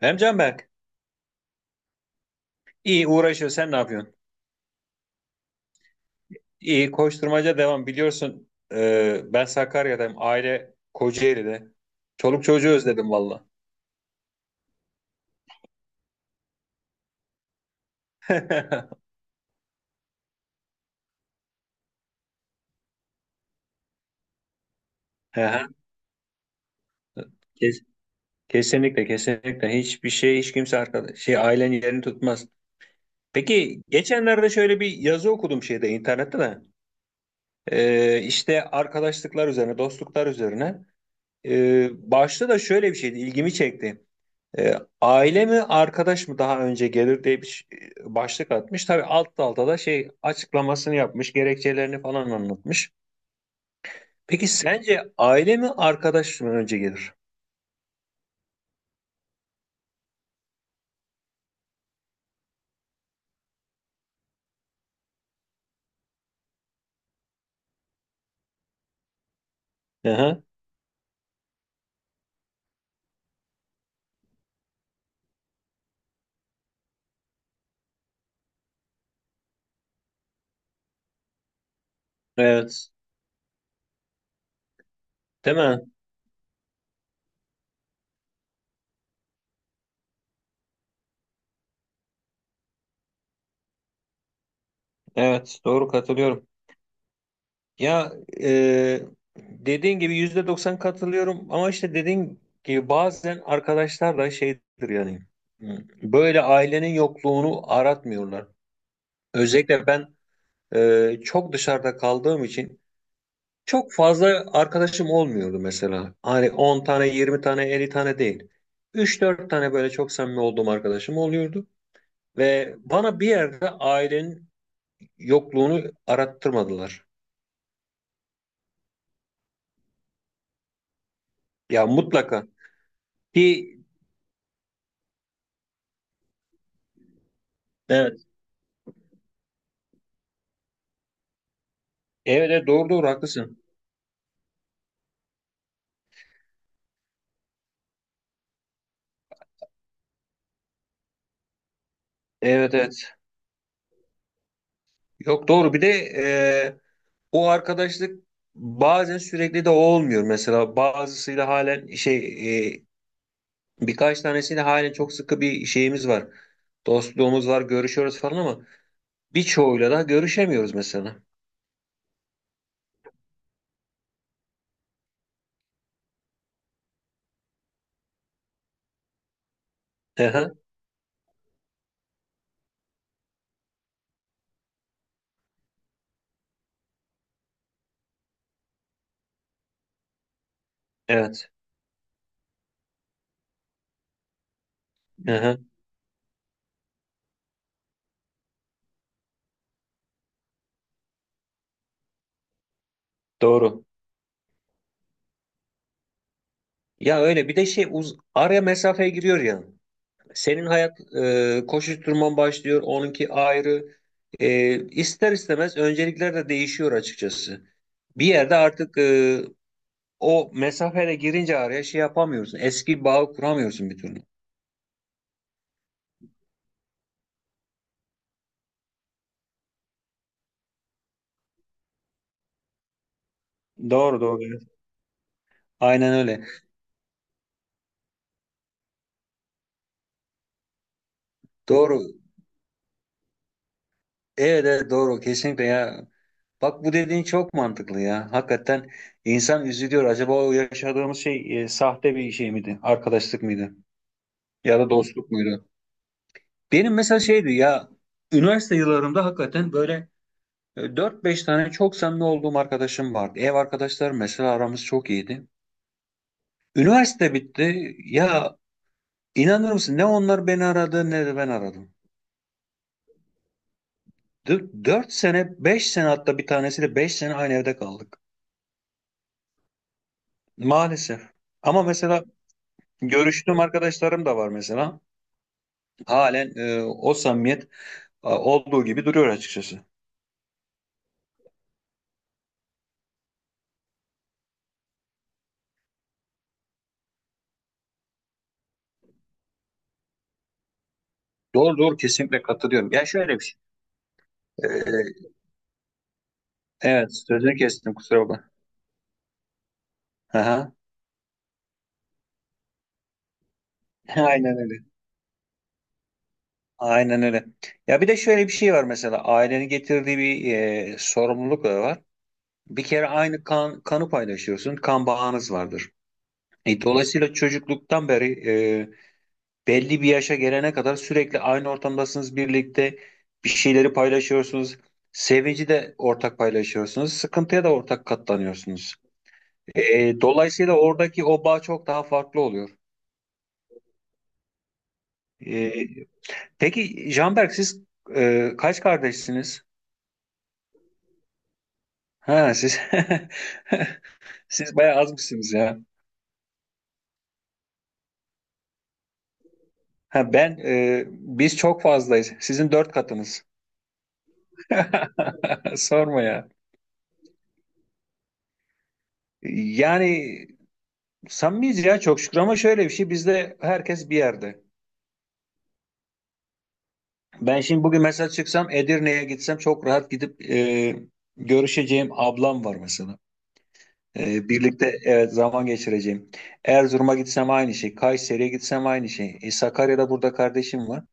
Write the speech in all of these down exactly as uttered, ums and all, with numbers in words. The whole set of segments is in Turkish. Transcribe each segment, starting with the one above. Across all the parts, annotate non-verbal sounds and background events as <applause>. Emcan Berk, iyi uğraşıyor. Sen ne yapıyorsun? İyi koşturmaca devam. Biliyorsun e, ben Sakarya'dayım. Aile Kocaeli'de. Çoluk çocuğu özledim valla. <laughs> Hı hı. Kes- Kesinlikle kesinlikle hiçbir şey hiç kimse arkadaş şey ailenin yerini tutmaz. Peki geçenlerde şöyle bir yazı okudum şeyde internette de. Ee, işte arkadaşlıklar üzerine, dostluklar üzerine. Ee, başta da şöyle bir şeydi, ilgimi çekti. E, aile mi arkadaş mı daha önce gelir diye bir ş- başlık atmış. Tabii alt dalda da şey açıklamasını yapmış, gerekçelerini falan anlatmış. Peki sence aile mi arkadaş mı önce gelir? Aha, evet. Değil mi? Evet, doğru, katılıyorum. Ya, e, dediğin gibi yüzde doksan katılıyorum, ama işte dediğin gibi bazen arkadaşlar da şeydir yani. Böyle ailenin yokluğunu aratmıyorlar. Özellikle ben, e, çok dışarıda kaldığım için, çok fazla arkadaşım olmuyordu mesela. Hani on tane, yirmi tane, elli tane değil. Üç dört tane böyle çok samimi olduğum arkadaşım oluyordu. Ve bana bir yerde ailenin yokluğunu arattırmadılar. Ya, mutlaka. Ki evet, evet evet, doğru doğru haklısın. Evet evet. Yok doğru, bir de e, o arkadaşlık bazen sürekli de olmuyor. Mesela bazısıyla halen şey e, Birkaç tanesiyle halen çok sıkı bir şeyimiz var. Dostluğumuz var, görüşüyoruz falan, ama birçoğuyla da görüşemiyoruz mesela. Aha, evet. Aha, doğru. Ya öyle, bir de şey uz araya mesafeye giriyor ya. Senin hayat e, koşuşturman başlıyor, onunki ayrı. E, ister istemez öncelikler de değişiyor açıkçası. Bir yerde artık e, o mesafeye girince araya şey yapamıyorsun. Eski bağı kuramıyorsun bir türlü. Doğru doğru. Evet. Aynen öyle. Doğru. Evet, evet, doğru, kesinlikle ya. Bak, bu dediğin çok mantıklı ya. Hakikaten insan üzülüyor. Acaba o yaşadığımız şey, e, sahte bir şey miydi? Arkadaşlık mıydı? Ya da dostluk muydu? Benim mesela şeydi ya, üniversite yıllarımda hakikaten böyle e, dört beş tane çok samimi olduğum arkadaşım vardı. Ev arkadaşlarım, mesela aramız çok iyiydi. Üniversite bitti. Ya, inanır mısın, ne onlar beni aradı ne de ben aradım. Dört sene, beş sene, hatta bir tanesiyle beş sene aynı evde kaldık. Maalesef. Ama mesela görüştüğüm arkadaşlarım da var mesela. Halen e, o samimiyet e, olduğu gibi duruyor açıkçası. Doğru doğru, kesinlikle katılıyorum. Ya, şöyle bir şey. E, evet, sözünü kestim, kusura bakma. Aha. <laughs> Aynen öyle. Aynen öyle. Ya, bir de şöyle bir şey var mesela, ailenin getirdiği bir e, sorumluluk da var. Bir kere aynı kan, kanı paylaşıyorsun. Kan bağınız vardır. E, dolayısıyla çocukluktan beri, e, belli bir yaşa gelene kadar sürekli aynı ortamdasınız, birlikte bir şeyleri paylaşıyorsunuz. Sevinci de ortak paylaşıyorsunuz. Sıkıntıya da ortak katlanıyorsunuz. E, dolayısıyla oradaki o bağ çok daha farklı oluyor. E, peki, Canberk, siz e, kaç kardeşsiniz? Ha, siz... <laughs> Siz bayağı azmışsınız ya. Ha, ben, e, biz çok fazlayız. Sizin dört katınız. <laughs> Sorma ya. Yani, samimiyiz ya, çok şükür, ama şöyle bir şey, bizde herkes bir yerde. Ben şimdi bugün mesela çıksam Edirne'ye gitsem, çok rahat gidip e, görüşeceğim ablam var mesela. E, birlikte, evet, zaman geçireceğim. Erzurum'a gitsem aynı şey. Kayseri'ye gitsem aynı şey. E, Sakarya'da burada kardeşim var.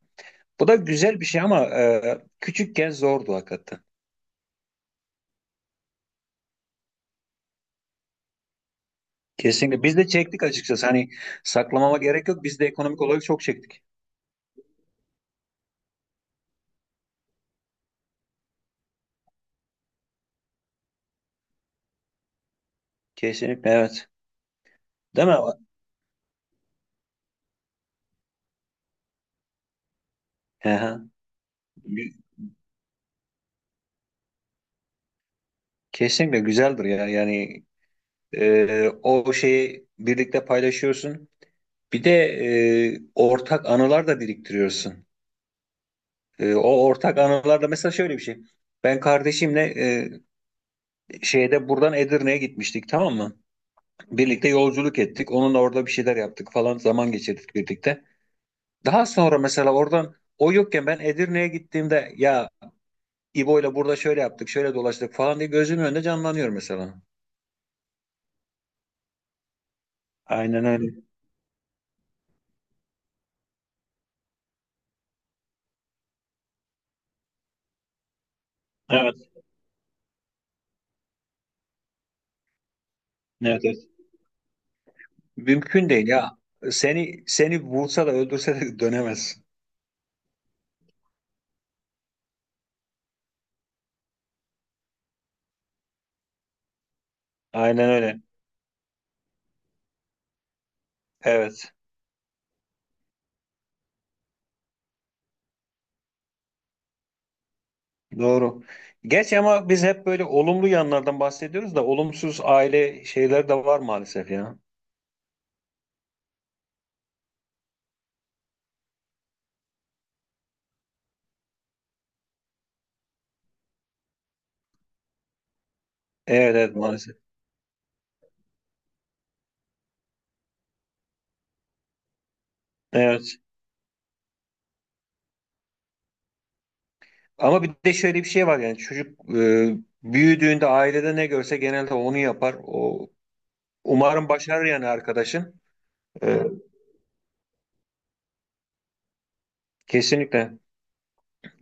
Bu da güzel bir şey, ama e, küçükken zordu hakikaten. Kesinlikle. Biz de çektik açıkçası. Hani saklamama gerek yok, biz de ekonomik olarak çok çektik. Kesinlikle, evet. Değil mi? Hı hı. Kesinlikle güzeldir ya. Yani, Ee, o şeyi birlikte paylaşıyorsun. Bir de e, ortak anılar da biriktiriyorsun. E, o ortak anılar da mesela şöyle bir şey. Ben kardeşimle, e, şeyde buradan Edirne'ye gitmiştik, tamam mı? Birlikte yolculuk ettik. Onunla orada bir şeyler yaptık falan, zaman geçirdik birlikte. Daha sonra mesela oradan, o yokken ben Edirne'ye gittiğimde, ya, İbo'yla burada şöyle yaptık, şöyle dolaştık falan diye gözümün önünde canlanıyor mesela. Aynen öyle. Evet, evet. Mümkün değil ya. Seni seni vursa da öldürse de <laughs> dönemez. Aynen öyle. Evet. Doğru. Geç, ama biz hep böyle olumlu yanlardan bahsediyoruz da olumsuz aile şeyler de var maalesef ya. Evet evet, maalesef. Evet. Ama bir de şöyle bir şey var, yani çocuk e, büyüdüğünde ailede ne görse genelde onu yapar. O umarım başarır yani arkadaşın. E, kesinlikle.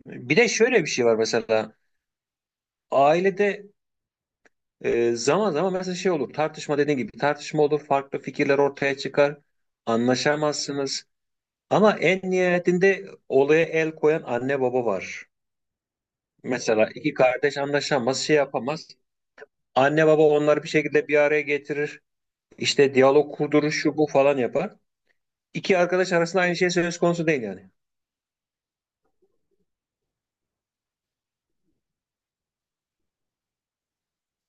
Bir de şöyle bir şey var mesela, ailede Ee, zaman zaman mesela şey olur, tartışma, dediğin gibi tartışma olur, farklı fikirler ortaya çıkar, anlaşamazsınız, ama en nihayetinde olaya el koyan anne baba var. Mesela iki kardeş anlaşamaz, şey yapamaz, anne baba onları bir şekilde bir araya getirir, işte diyalog kurdurur, şu bu falan yapar. İki arkadaş arasında aynı şey söz konusu değil yani.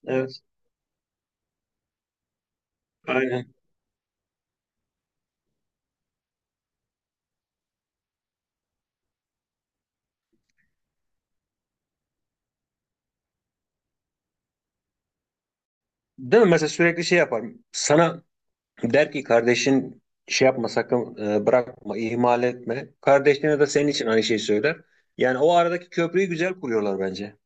Evet, aynen. Değil mi? Mesela sürekli şey yapar. Sana der ki, kardeşin şey yapma sakın, e, bırakma, ihmal etme. Kardeşine de senin için aynı şeyi söyler. Yani o aradaki köprüyü güzel kuruyorlar bence.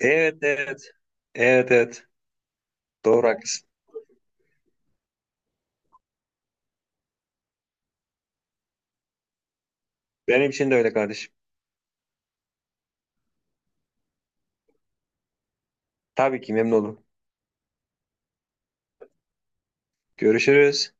Evet evet evet evet, doğru, haklısın. Benim için de öyle, kardeşim. Tabii ki memnun olurum. Görüşürüz.